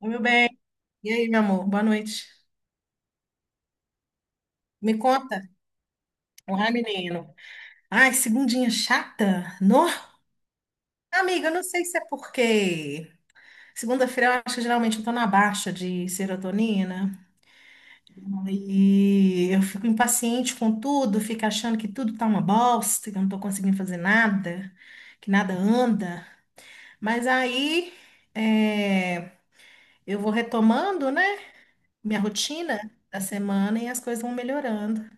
Oi, meu bem. E aí, meu amor? Boa noite. Me conta. Olá, menino. Ai, segundinha chata? No? Amiga, eu não sei se é porque segunda-feira eu acho que geralmente eu tô na baixa de serotonina e eu fico impaciente com tudo, fico achando que tudo tá uma bosta, que eu não tô conseguindo fazer nada, que nada anda. Mas aí é, eu vou retomando, né, minha rotina da semana e as coisas vão melhorando.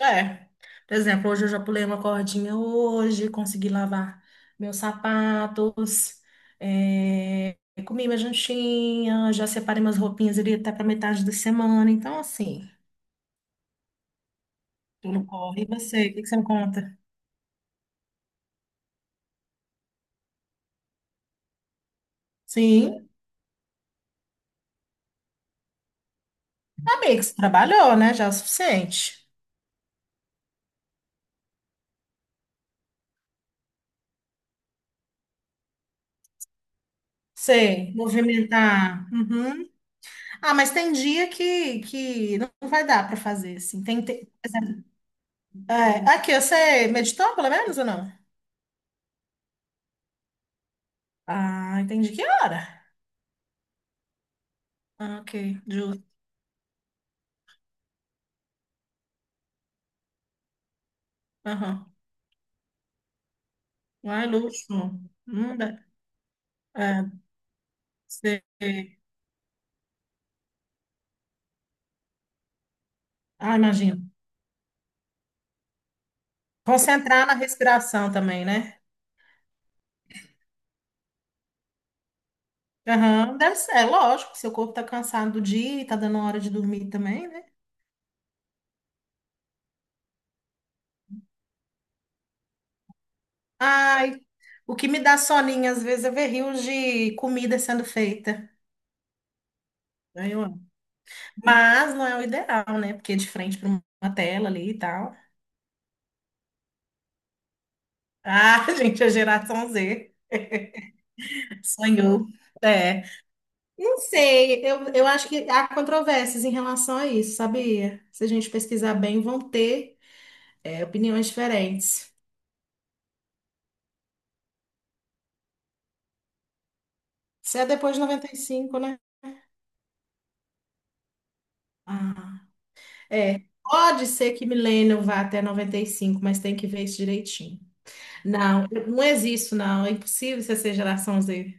É. Por exemplo, hoje eu já pulei uma cordinha hoje, consegui lavar meus sapatos, é, comi minha jantinha, já separei umas roupinhas ali até para metade da semana. Então, assim, tudo corre. E você, o que que você me conta? Sim, amigo, você trabalhou, né? Já é o suficiente. Sei, movimentar. Uhum. Ah, mas tem dia que não vai dar para fazer, assim. Tem, tem... É, aqui, você meditou pelo menos ou não? Ah, entendi. Que hora? Ah, ok, justo. Aham. Ai, luxo. Não dá. É, você... Ah, imagino. Concentrar na respiração também, né? Aham, deve ser. É lógico, seu corpo tá cansado do dia e tá dando hora de dormir também, né? Ai, o que me dá soninho às vezes é ver rios de comida sendo feita. Aí eu amo. Mas não é o ideal, né? Porque é de frente para uma tela ali e tal. Ah, gente, a geração Z sonhou. É. Não sei, eu acho que há controvérsias em relação a isso, sabia? Se a gente pesquisar bem, vão ter opiniões diferentes. Se é depois de 95, né? Ah, é. Pode ser que Millennium vá até 95, mas tem que ver isso direitinho. Não, não existe, não. É impossível você ser geração Z.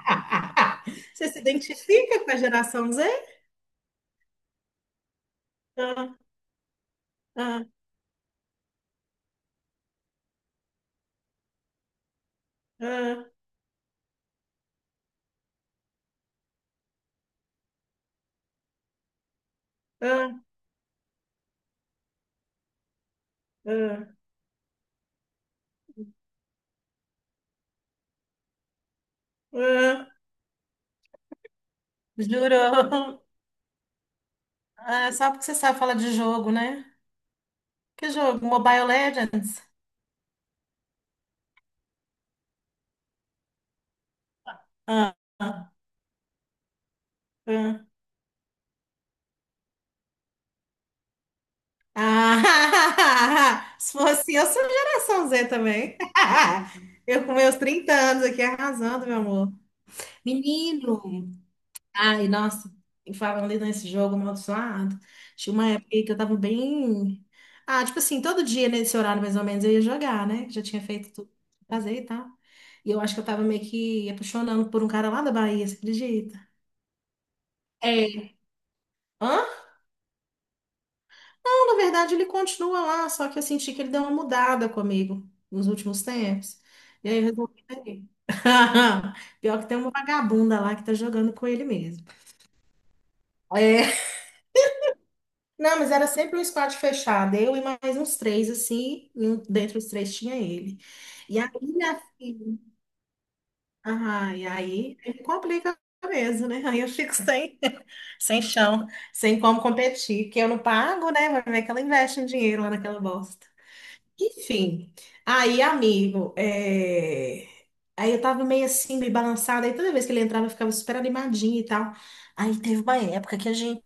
Você se identifica com a geração Z? Ah, ah, ah, ah, ah, ah. Jurou. Ah, só porque você sabe falar de jogo, né? Que jogo? Mobile Legends? Ah, ah, ah. Ah, se fosse eu, sou geração Z também. Eu com meus 30 anos aqui arrasando, meu amor. Menino! Ai, nossa, e falando ali nesse jogo amaldiçoado, tinha uma época aí que eu tava bem. Ah, tipo assim, todo dia nesse horário mais ou menos eu ia jogar, né? Já tinha feito tudo, pra fazer e tal. E eu acho que eu tava meio que apaixonando por um cara lá da Bahia, você acredita? É. Hã? Não, na verdade, ele continua lá, só que eu senti que ele deu uma mudada comigo nos últimos tempos. E aí eu resolvi sair. Pior que tem uma vagabunda lá que tá jogando com ele mesmo. É. Não, mas era sempre um squad fechado, eu e mais uns três, assim, e um- dentre os três tinha ele. E aí, minha filha, ah, e aí complica mesmo, né? Aí eu fico sem, sem chão, sem como competir, que eu não pago, né? Vai ver que ela investe um dinheiro lá naquela bosta. Enfim, aí, amigo, aí eu tava meio assim, meio balançada, aí toda vez que ele entrava eu ficava super animadinha e tal. Aí teve uma época que a gente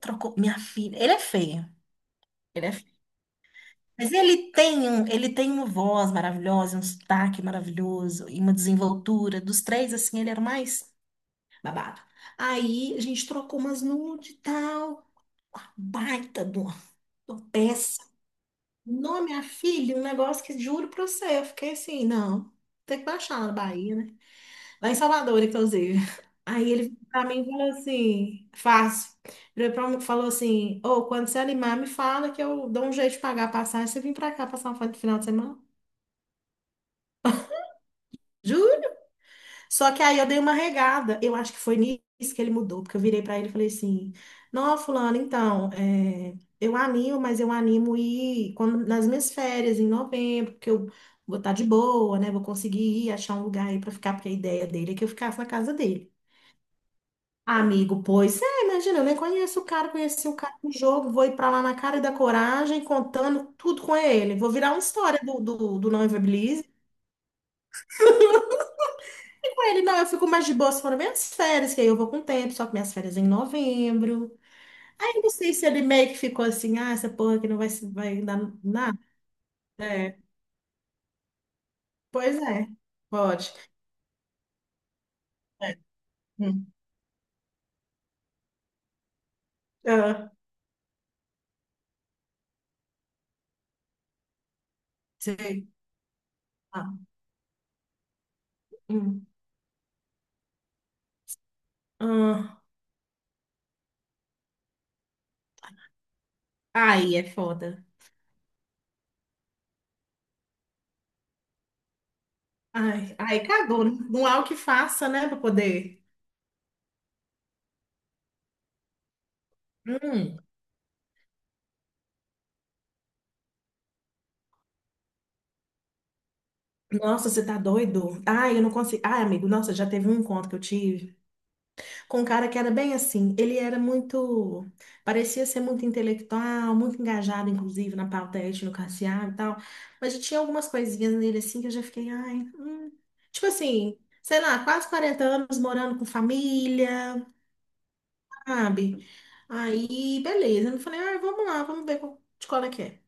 trocou, minha filha, ele é feio, ele é feio. Mas ele tem uma voz maravilhosa, um sotaque maravilhoso e uma desenvoltura. Dos três, assim, ele era o mais babado. Aí a gente trocou umas nude e tal, uma baita de uma peça. Não, minha filha, um negócio que juro pra você, eu fiquei assim, não, tem que baixar lá na Bahia, né? Lá em Salvador, inclusive. Aí ele virou pra mim falou assim, fácil. Ele pra mim e falou assim, ô, quando você animar, me fala que eu dou um jeito de pagar a passagem, você vem pra cá passar um final de semana? Juro? Só que aí eu dei uma regada. Eu acho que foi nisso que ele mudou, porque eu virei pra ele e falei assim: Não, fulano, então, eu animo, mas eu animo ir quando, nas minhas férias, em novembro, porque eu vou estar de boa, né? Vou conseguir ir achar um lugar aí pra ficar, porque a ideia dele é que eu ficasse na casa dele. Amigo, pois é, imagina, eu nem conheço o cara, conheci o cara no jogo, vou ir pra lá na cara da coragem, contando tudo com ele. Vou virar uma história do Não. E com ele, não, eu fico mais de boa se for nas minhas férias, que aí eu vou com o tempo, só que minhas férias é em novembro. Aí eu não sei se ele meio que ficou assim, ah, essa porra aqui não vai, se- vai dar nada. É, pois é, pode. É. Hum. Ah, sei. Ah, hum. Ah, ai, é foda. Ai, ai, cagou, né? Não há o que faça, né, pra poder. Hum, nossa, você tá doido? Ai, eu não consigo. Ai, amigo, nossa, já teve um encontro que eu tive com um cara que era bem assim. Ele era muito, parecia ser muito intelectual, muito engajado, inclusive, na pauta étnico-racial e tal. Mas já tinha algumas coisinhas nele assim que eu já fiquei, ai. Tipo assim, sei lá, quase 40 anos morando com família, sabe? Aí, beleza. Eu falei, ai, vamos lá, vamos ver qual- de qual é que é.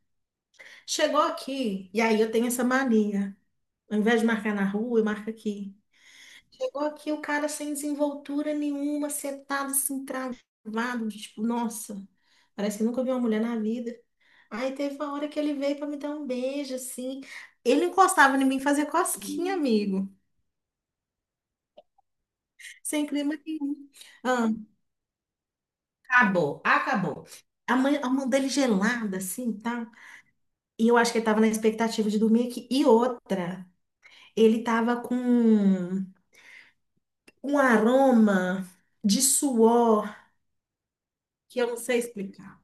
Chegou aqui, e aí eu tenho essa mania. Ao invés de marcar na rua, eu marco aqui. Chegou aqui o cara sem desenvoltura nenhuma, setado, assim, travado, tipo, nossa, parece que nunca vi uma mulher na vida. Aí teve uma hora que ele veio pra me dar um beijo, assim. Ele encostava em mim fazer cosquinha, amigo. Sem clima nenhum. Ah, acabou, acabou. A mãe, a mão dele gelada, assim, tá? E eu acho que ele tava na expectativa de dormir aqui. E outra, ele tava com um aroma de suor que eu não sei explicar.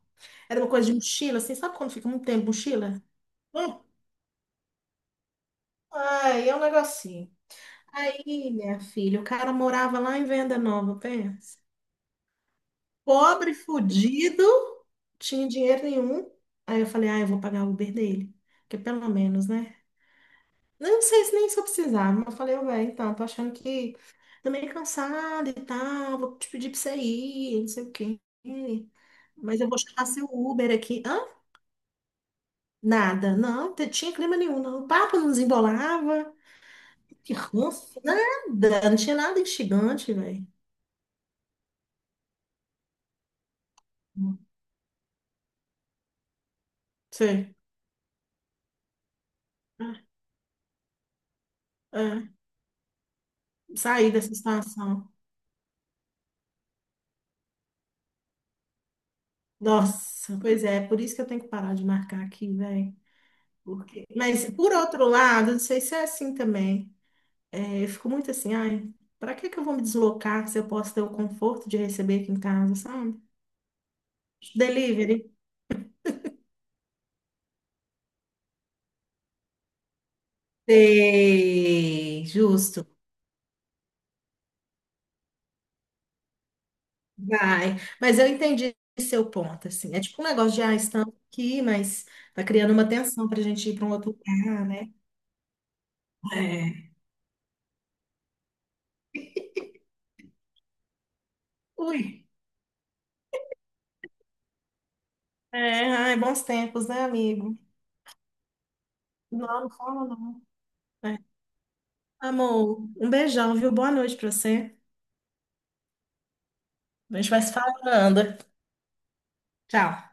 Era uma coisa de mochila, assim, sabe quando fica muito tempo mochila? Hum. Ai, é um negocinho. Aí, minha filha, o cara morava lá em Venda Nova, pensa. Pobre, fudido. Tinha dinheiro nenhum. Aí eu falei, ah, eu vou pagar o Uber dele. Porque pelo menos, né? Não sei se nem se eu precisava, mas eu falei, ô, velho, então, tô achando que tô meio cansada e tal, vou te pedir pra você ir, não sei o quê. Mas eu vou chamar seu Uber aqui. Hã? Nada, não, t- tinha clima nenhum, não. O papo não desembolava. Que ranço? Nada, não tinha nada instigante, velho. Sei. É, é. Sair dessa situação. Nossa, pois é, por isso que eu tenho que parar de marcar aqui, velho. Porque... Mas, por outro lado, não sei se é assim também. É, eu fico muito assim, ai, pra que que eu vou me deslocar se eu posso ter o conforto de receber aqui em casa, sabe? Delivery. Sei, justo. Vai, mas eu entendi seu ponto, assim. É tipo um negócio de, ah, estamos aqui, mas tá criando uma tensão pra gente ir para um outro lugar, né? É. Ui. É, ai, bons tempos, né, amigo? Não, não fala não. É. Amor, um beijão, viu? Boa noite pra você. A gente vai se falando. Tchau.